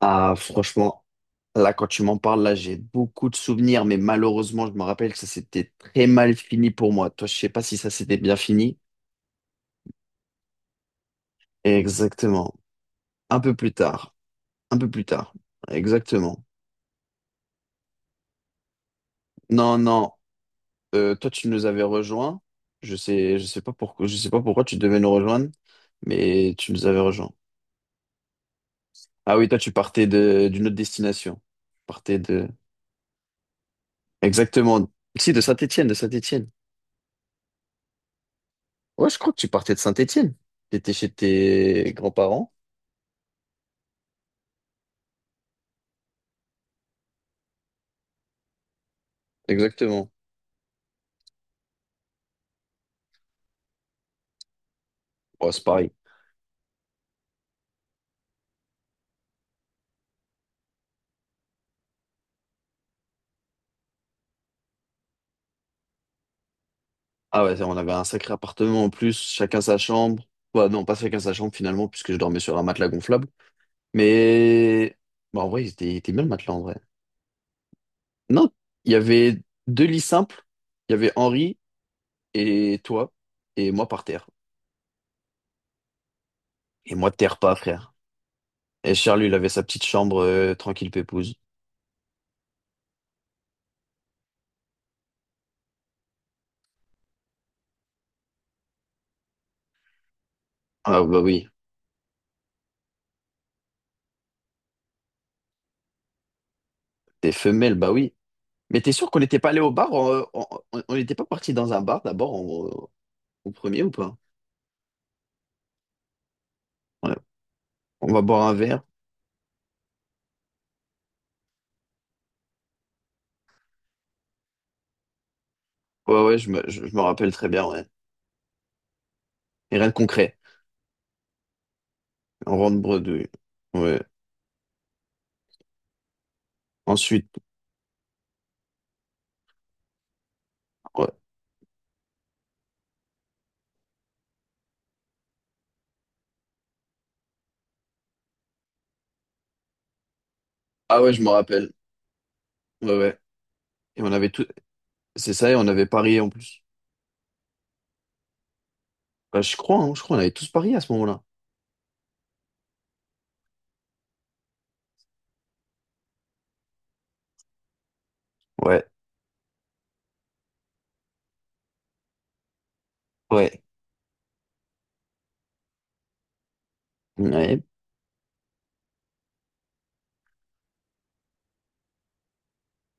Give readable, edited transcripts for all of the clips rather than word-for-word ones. Ah, franchement, là, quand tu m'en parles, là, j'ai beaucoup de souvenirs, mais malheureusement, je me rappelle que ça s'était très mal fini pour moi. Toi, je sais pas si ça s'était bien fini. Exactement. Un peu plus tard. Un peu plus tard. Exactement. Non, non. Toi, tu nous avais rejoints. Je sais pas pourquoi, je sais pas pourquoi tu devais nous rejoindre, mais tu nous avais rejoints. Ah oui, toi, tu partais d'une autre destination. Tu partais de, exactement. Si, de Saint-Étienne, de Saint-Étienne. Ouais, je crois que tu partais de Saint-Étienne. T'étais chez tes grands-parents. Exactement. Ouais, c'est pareil. Ah ouais, on avait un sacré appartement en plus, chacun sa chambre. Bah non, pas chacun sa chambre finalement, puisque je dormais sur un matelas gonflable. Mais bah, en vrai, il était bien le matelas en vrai. Non, il y avait deux lits simples. Il y avait Henri et toi, et moi par terre. Et moi, terre pas, frère. Et Charles, lui, il avait sa petite chambre tranquille pépouze. Ah bah oui. Des femelles, bah oui. Mais t'es sûr qu'on n'était pas allé au bar? On on n'était pas parti dans un bar d'abord au premier ou pas? Ouais. On va boire un verre. Ouais, ouais, je me rappelle très bien, ouais. Et rien de concret. On rentre bredouille. Ouais. Ensuite, ouais. Ah ouais, je me rappelle. Ouais, ouais. Et on avait tout. C'est ça, et on avait parié en plus. Bah, je crois, hein, je crois, on avait tous parié à ce moment-là. Ouais, ouais, ouais,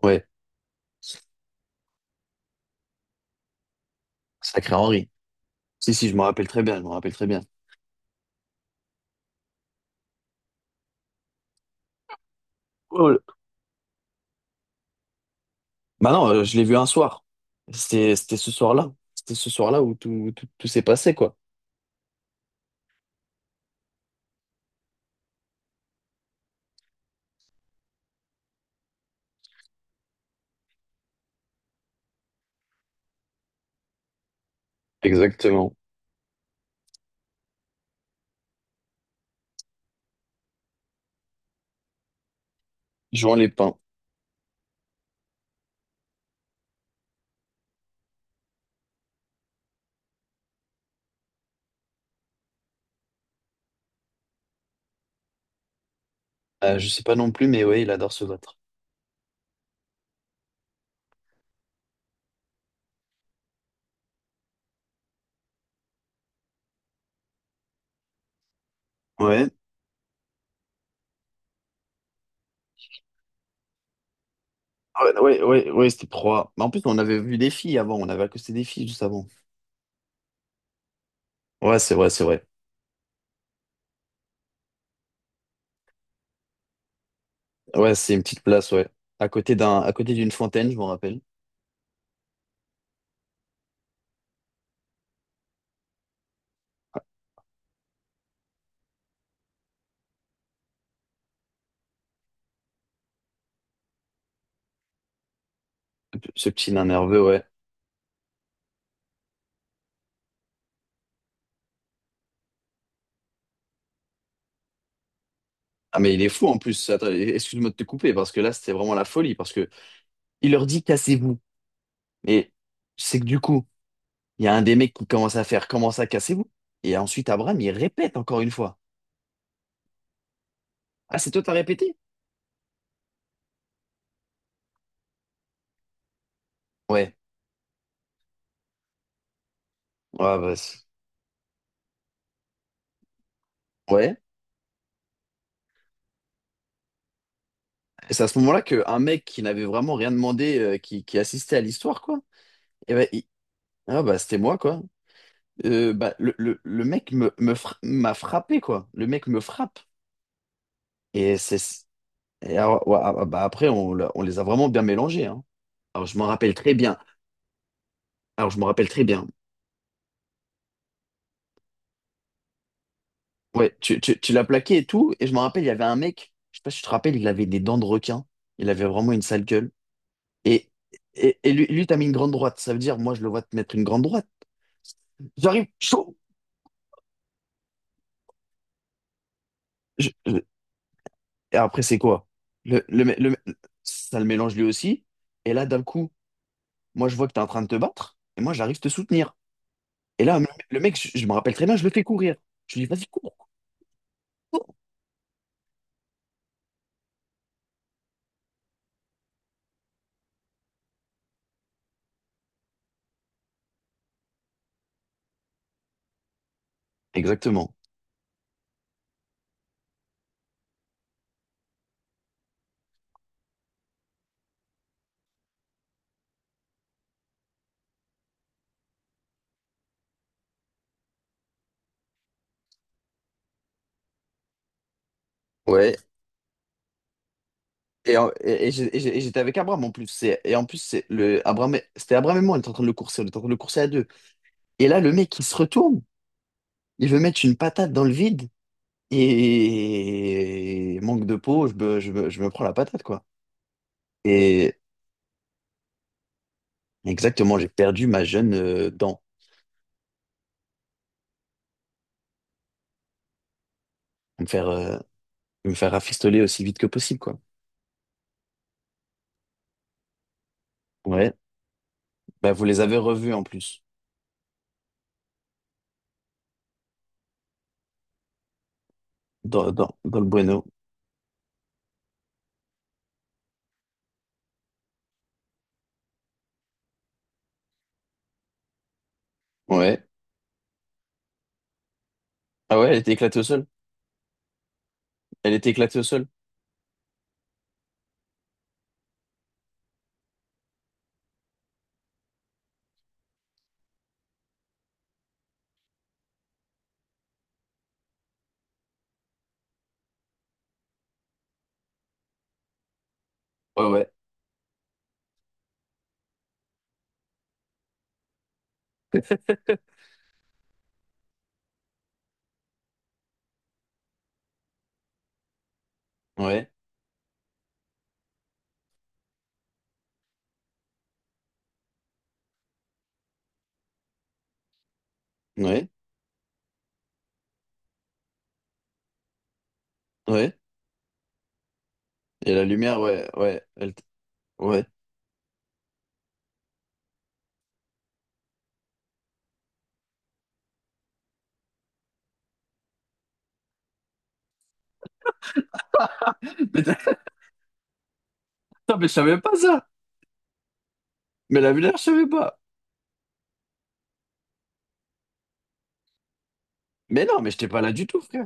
ouais. Sacré Henri. Si, si, je me rappelle très bien, je me rappelle très bien. Bah non, je l'ai vu un soir. C'était ce soir-là. C'était ce soir-là où tout s'est passé, quoi. Exactement. Jouant les pins. Je sais pas non plus, mais ouais, il adore se battre. Ouais. Ouais, ouais, ouais, ouais, c'était proie. Mais en plus, on avait vu des filles avant. On avait accosté des filles juste avant. Ouais, c'est vrai, c'est vrai. Ouais, c'est une petite place, ouais. À côté d'un, à côté d'une fontaine, je m'en rappelle. Ce petit nain nerveux, ouais. Ah, mais il est fou en plus. Attends, excuse-moi de te couper parce que là, c'était vraiment la folie parce que il leur dit cassez-vous. Mais c'est que du coup. Il y a un des mecs qui commence à casser vous. Et ensuite, Abraham, il répète encore une fois. Ah, c'est toi, t'as répété? Ouais. Ouais, bah, ouais. Et c'est à ce moment-là qu'un mec qui n'avait vraiment rien demandé, qui assistait à l'histoire, quoi. Et ben, ah, bah, c'était moi, quoi. Bah, le mec m'a frappé, quoi. Le mec me frappe. Et c'est, et alors, ouais, ah, bah, après, on les a vraiment bien mélangés, hein. Alors, je m'en rappelle très bien. Alors, je m'en rappelle très bien. Ouais, tu l'as plaqué et tout. Et je me rappelle, il y avait un mec, je sais pas si tu te rappelles, il avait des dents de requin. Il avait vraiment une sale gueule. Et, et lui, lui t'as mis une grande droite. Ça veut dire, moi, je le vois te mettre une grande droite. J'arrive, chaud. Je- je- Et après, c'est quoi? Le, le, mec- le, mec- Ça le mélange lui aussi. Et là, d'un coup, moi, je vois que t'es en train de te battre. Et moi, j'arrive te soutenir. Et là, le mec, je me rappelle très bien, je le fais courir. Je lui dis, vas-y, cours, cours. Exactement. Ouais, et j'étais avec Abraham en plus. Et en plus, c'était Abraham et moi, on était en train de le courser à deux. Et là, le mec, il se retourne, il veut mettre une patate dans le vide. Et manque de peau, je me prends la patate, quoi. Et exactement, j'ai perdu ma jeune dent. Me faire, euh, me faire rafistoler aussi vite que possible, quoi. Ouais. Bah, vous les avez revus en plus, dans le Bueno. Ouais. Ah ouais, elle était éclatée au sol. Elle était éclatée au sol. Ouais, ouais. Ouais. Ouais. Ouais. Et la lumière, ouais, ouais, ouais. Mais Attends, mais je savais pas ça. Mais la lumière, je savais pas. Mais non, mais j'étais pas là du tout, frère.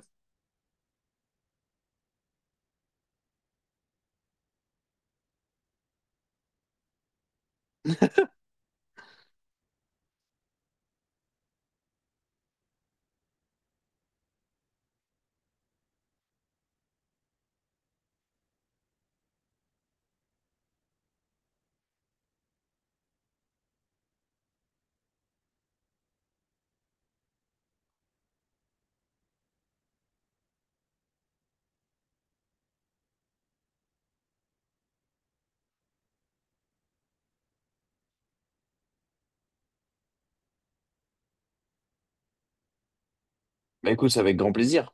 Bah écoute, c'est avec grand plaisir.